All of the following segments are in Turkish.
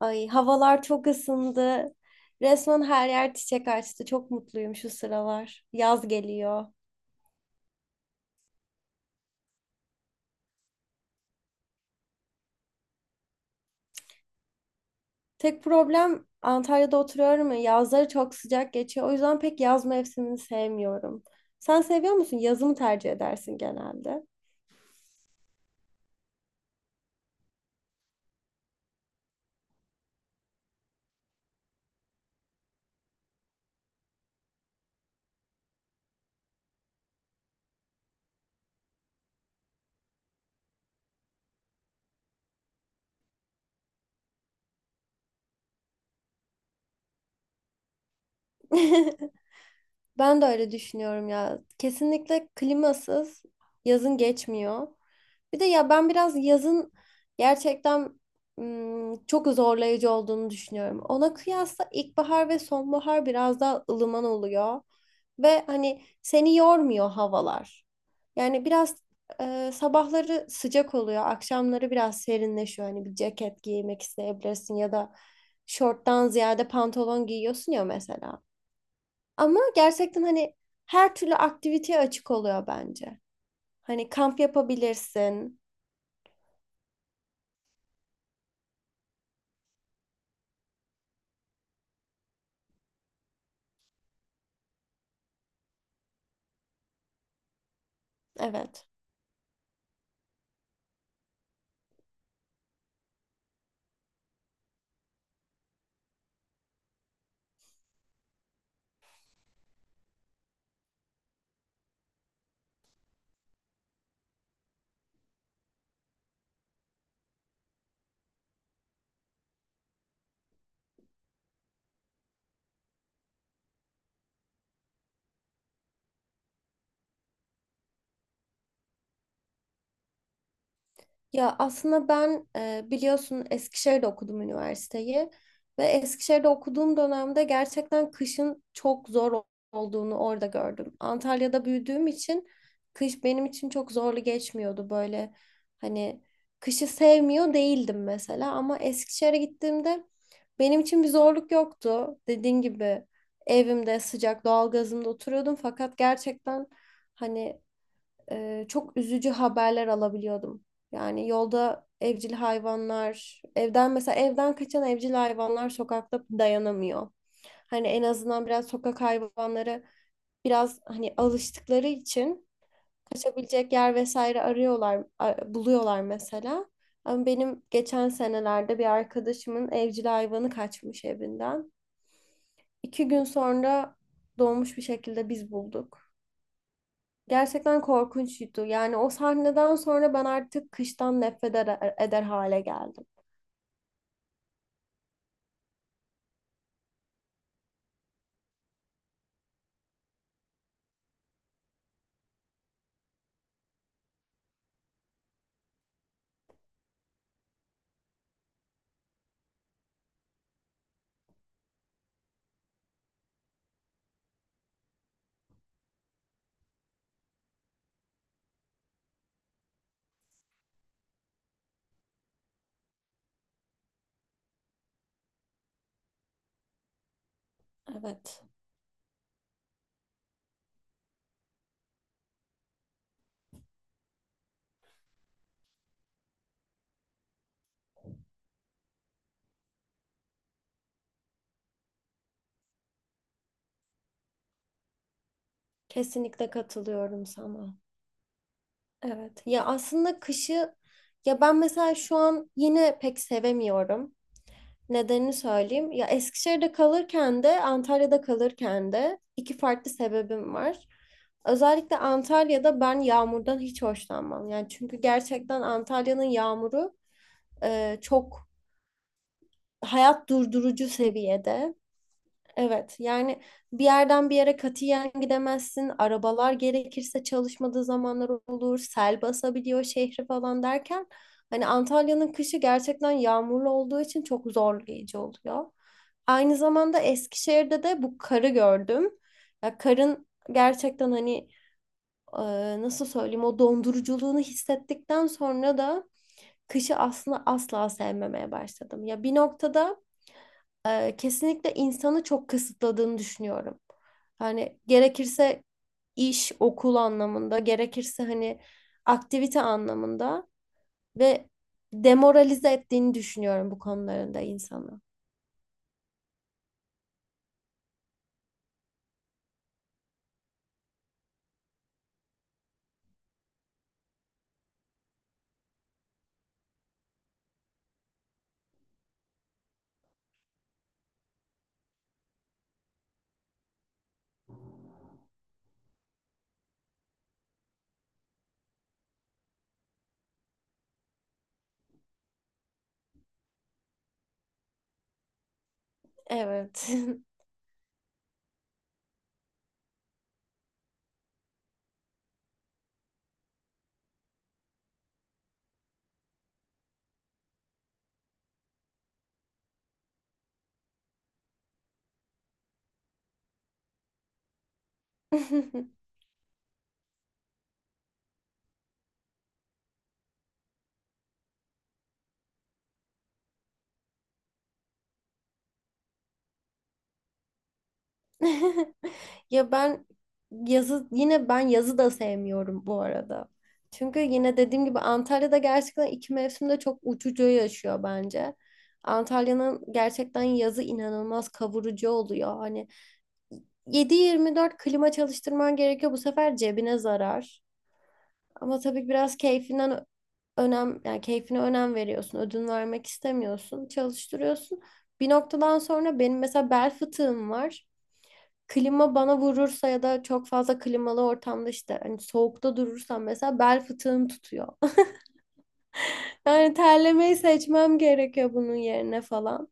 Ay havalar çok ısındı. Resmen her yer çiçek açtı. Çok mutluyum şu sıralar. Yaz geliyor. Tek problem, Antalya'da oturuyorum ya, yazları çok sıcak geçiyor. O yüzden pek yaz mevsimini sevmiyorum. Sen seviyor musun? Yazı mı tercih edersin genelde? Ben de öyle düşünüyorum ya. Kesinlikle klimasız yazın geçmiyor. Bir de ya ben biraz yazın gerçekten çok zorlayıcı olduğunu düşünüyorum. Ona kıyasla ilkbahar ve sonbahar biraz daha ılıman oluyor. Ve hani seni yormuyor havalar. Yani biraz sabahları sıcak oluyor, akşamları biraz serinleşiyor. Hani bir ceket giymek isteyebilirsin ya da şorttan ziyade pantolon giyiyorsun ya mesela. Ama gerçekten hani her türlü aktiviteye açık oluyor bence. Hani kamp yapabilirsin. Evet. Ya aslında ben biliyorsun Eskişehir'de okudum üniversiteyi ve Eskişehir'de okuduğum dönemde gerçekten kışın çok zor olduğunu orada gördüm. Antalya'da büyüdüğüm için kış benim için çok zorlu geçmiyordu. Böyle hani kışı sevmiyor değildim mesela, ama Eskişehir'e gittiğimde benim için bir zorluk yoktu. Dediğin gibi evimde sıcak doğalgazımda oturuyordum, fakat gerçekten hani çok üzücü haberler alabiliyordum. Yani yolda evcil hayvanlar, evden kaçan evcil hayvanlar sokakta dayanamıyor. Hani en azından biraz sokak hayvanları biraz hani alıştıkları için kaçabilecek yer vesaire arıyorlar, buluyorlar mesela. Ama benim geçen senelerde bir arkadaşımın evcil hayvanı kaçmış evinden. İki gün sonra doğmuş bir şekilde biz bulduk. Gerçekten korkunçtu. Yani o sahneden sonra ben artık kıştan nefret eder hale geldim. Evet. Kesinlikle katılıyorum sana. Evet. Ya aslında kışı, ya ben mesela şu an yine pek sevemiyorum. Nedenini söyleyeyim. Ya Eskişehir'de kalırken de Antalya'da kalırken de iki farklı sebebim var. Özellikle Antalya'da ben yağmurdan hiç hoşlanmam. Yani çünkü gerçekten Antalya'nın yağmuru çok hayat durdurucu seviyede. Evet, yani bir yerden bir yere katiyen gidemezsin. Arabalar gerekirse çalışmadığı zamanlar olur. Sel basabiliyor şehri falan derken hani Antalya'nın kışı gerçekten yağmurlu olduğu için çok zorlayıcı oluyor. Aynı zamanda Eskişehir'de de bu karı gördüm. Ya karın gerçekten hani e, nasıl söyleyeyim, o donduruculuğunu hissettikten sonra da kışı aslında asla sevmemeye başladım. Ya bir noktada kesinlikle insanı çok kısıtladığını düşünüyorum. Hani gerekirse iş, okul anlamında, gerekirse hani aktivite anlamında ve demoralize ettiğini düşünüyorum bu konularında insanı. Evet. Ya ben yazı, yine ben yazı da sevmiyorum bu arada. Çünkü yine dediğim gibi Antalya'da gerçekten iki mevsimde çok uçucu yaşıyor bence. Antalya'nın gerçekten yazı inanılmaz kavurucu oluyor. Hani 7-24 klima çalıştırman gerekiyor. Bu sefer cebine zarar. Ama tabii biraz keyfinden önem yani keyfine önem veriyorsun. Ödün vermek istemiyorsun. Çalıştırıyorsun. Bir noktadan sonra, benim mesela bel fıtığım var, klima bana vurursa ya da çok fazla klimalı ortamda, işte hani soğukta durursam, mesela bel fıtığım tutuyor. Yani terlemeyi seçmem gerekiyor bunun yerine falan.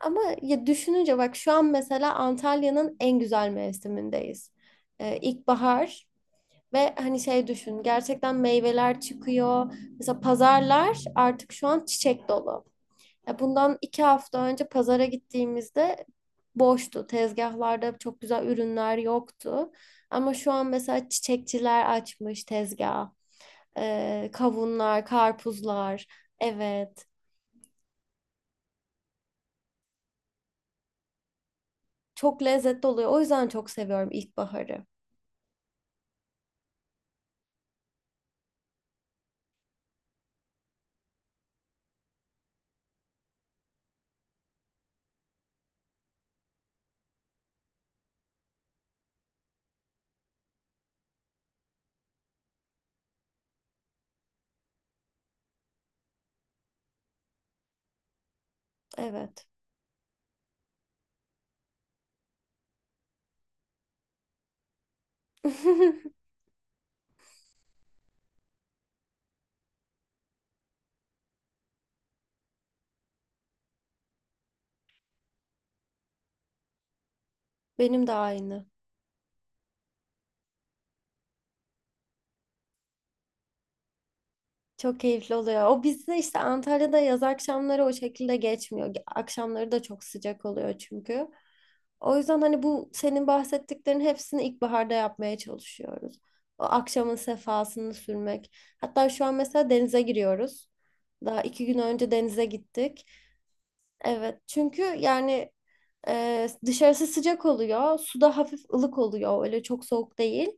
Ama ya düşününce bak, şu an mesela Antalya'nın en güzel mevsimindeyiz. İlkbahar. Ve hani şey düşün, gerçekten meyveler çıkıyor. Mesela pazarlar artık şu an çiçek dolu. Ya bundan iki hafta önce pazara gittiğimizde boştu. Tezgahlarda çok güzel ürünler yoktu. Ama şu an mesela çiçekçiler açmış tezgah. Kavunlar, karpuzlar. Evet. Çok lezzetli oluyor. O yüzden çok seviyorum ilkbaharı. Evet. Benim de aynı. Çok keyifli oluyor. O bizde işte Antalya'da yaz akşamları o şekilde geçmiyor. Akşamları da çok sıcak oluyor çünkü. O yüzden hani bu senin bahsettiklerin hepsini ilkbaharda yapmaya çalışıyoruz. O akşamın sefasını sürmek. Hatta şu an mesela denize giriyoruz. Daha iki gün önce denize gittik. Evet, çünkü yani dışarısı sıcak oluyor. Suda hafif ılık oluyor. Öyle çok soğuk değil.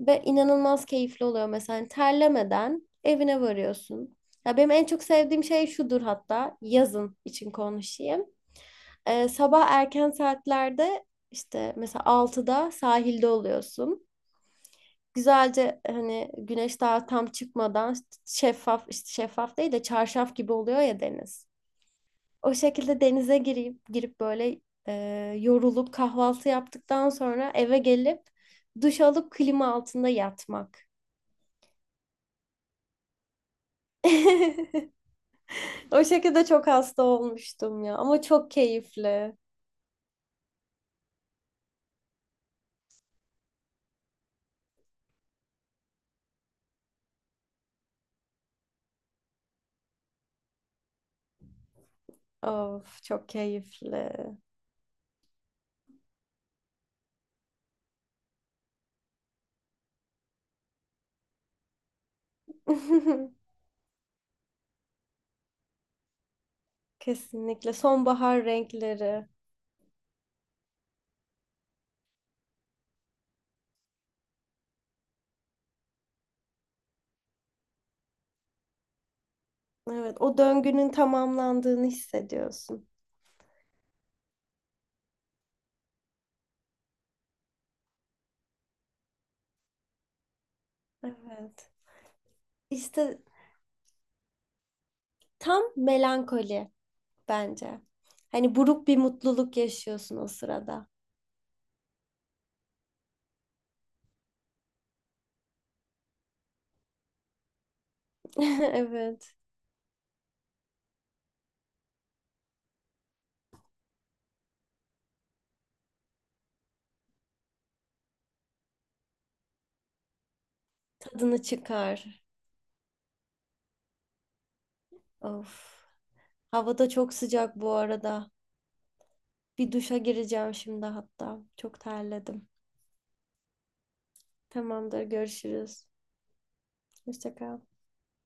Ve inanılmaz keyifli oluyor mesela. Yani terlemeden evine varıyorsun. Ya benim en çok sevdiğim şey şudur, hatta yazın için konuşayım. Sabah erken saatlerde işte mesela 6'da sahilde oluyorsun. Güzelce hani güneş daha tam çıkmadan işte, şeffaf değil de çarşaf gibi oluyor ya deniz. O şekilde denize girip böyle e, yorulup kahvaltı yaptıktan sonra eve gelip duş alıp klima altında yatmak. O şekilde çok hasta olmuştum ya, ama çok keyifli. Of, çok keyifli. Kesinlikle sonbahar renkleri. Evet, o döngünün tamamlandığını hissediyorsun. Evet. İşte tam melankoli bence. Hani buruk bir mutluluk yaşıyorsun o sırada. Evet, tadını çıkar. Of. Havada çok sıcak bu arada. Bir duşa gireceğim şimdi hatta. Çok terledim. Tamamdır, görüşürüz. Hoşça kal.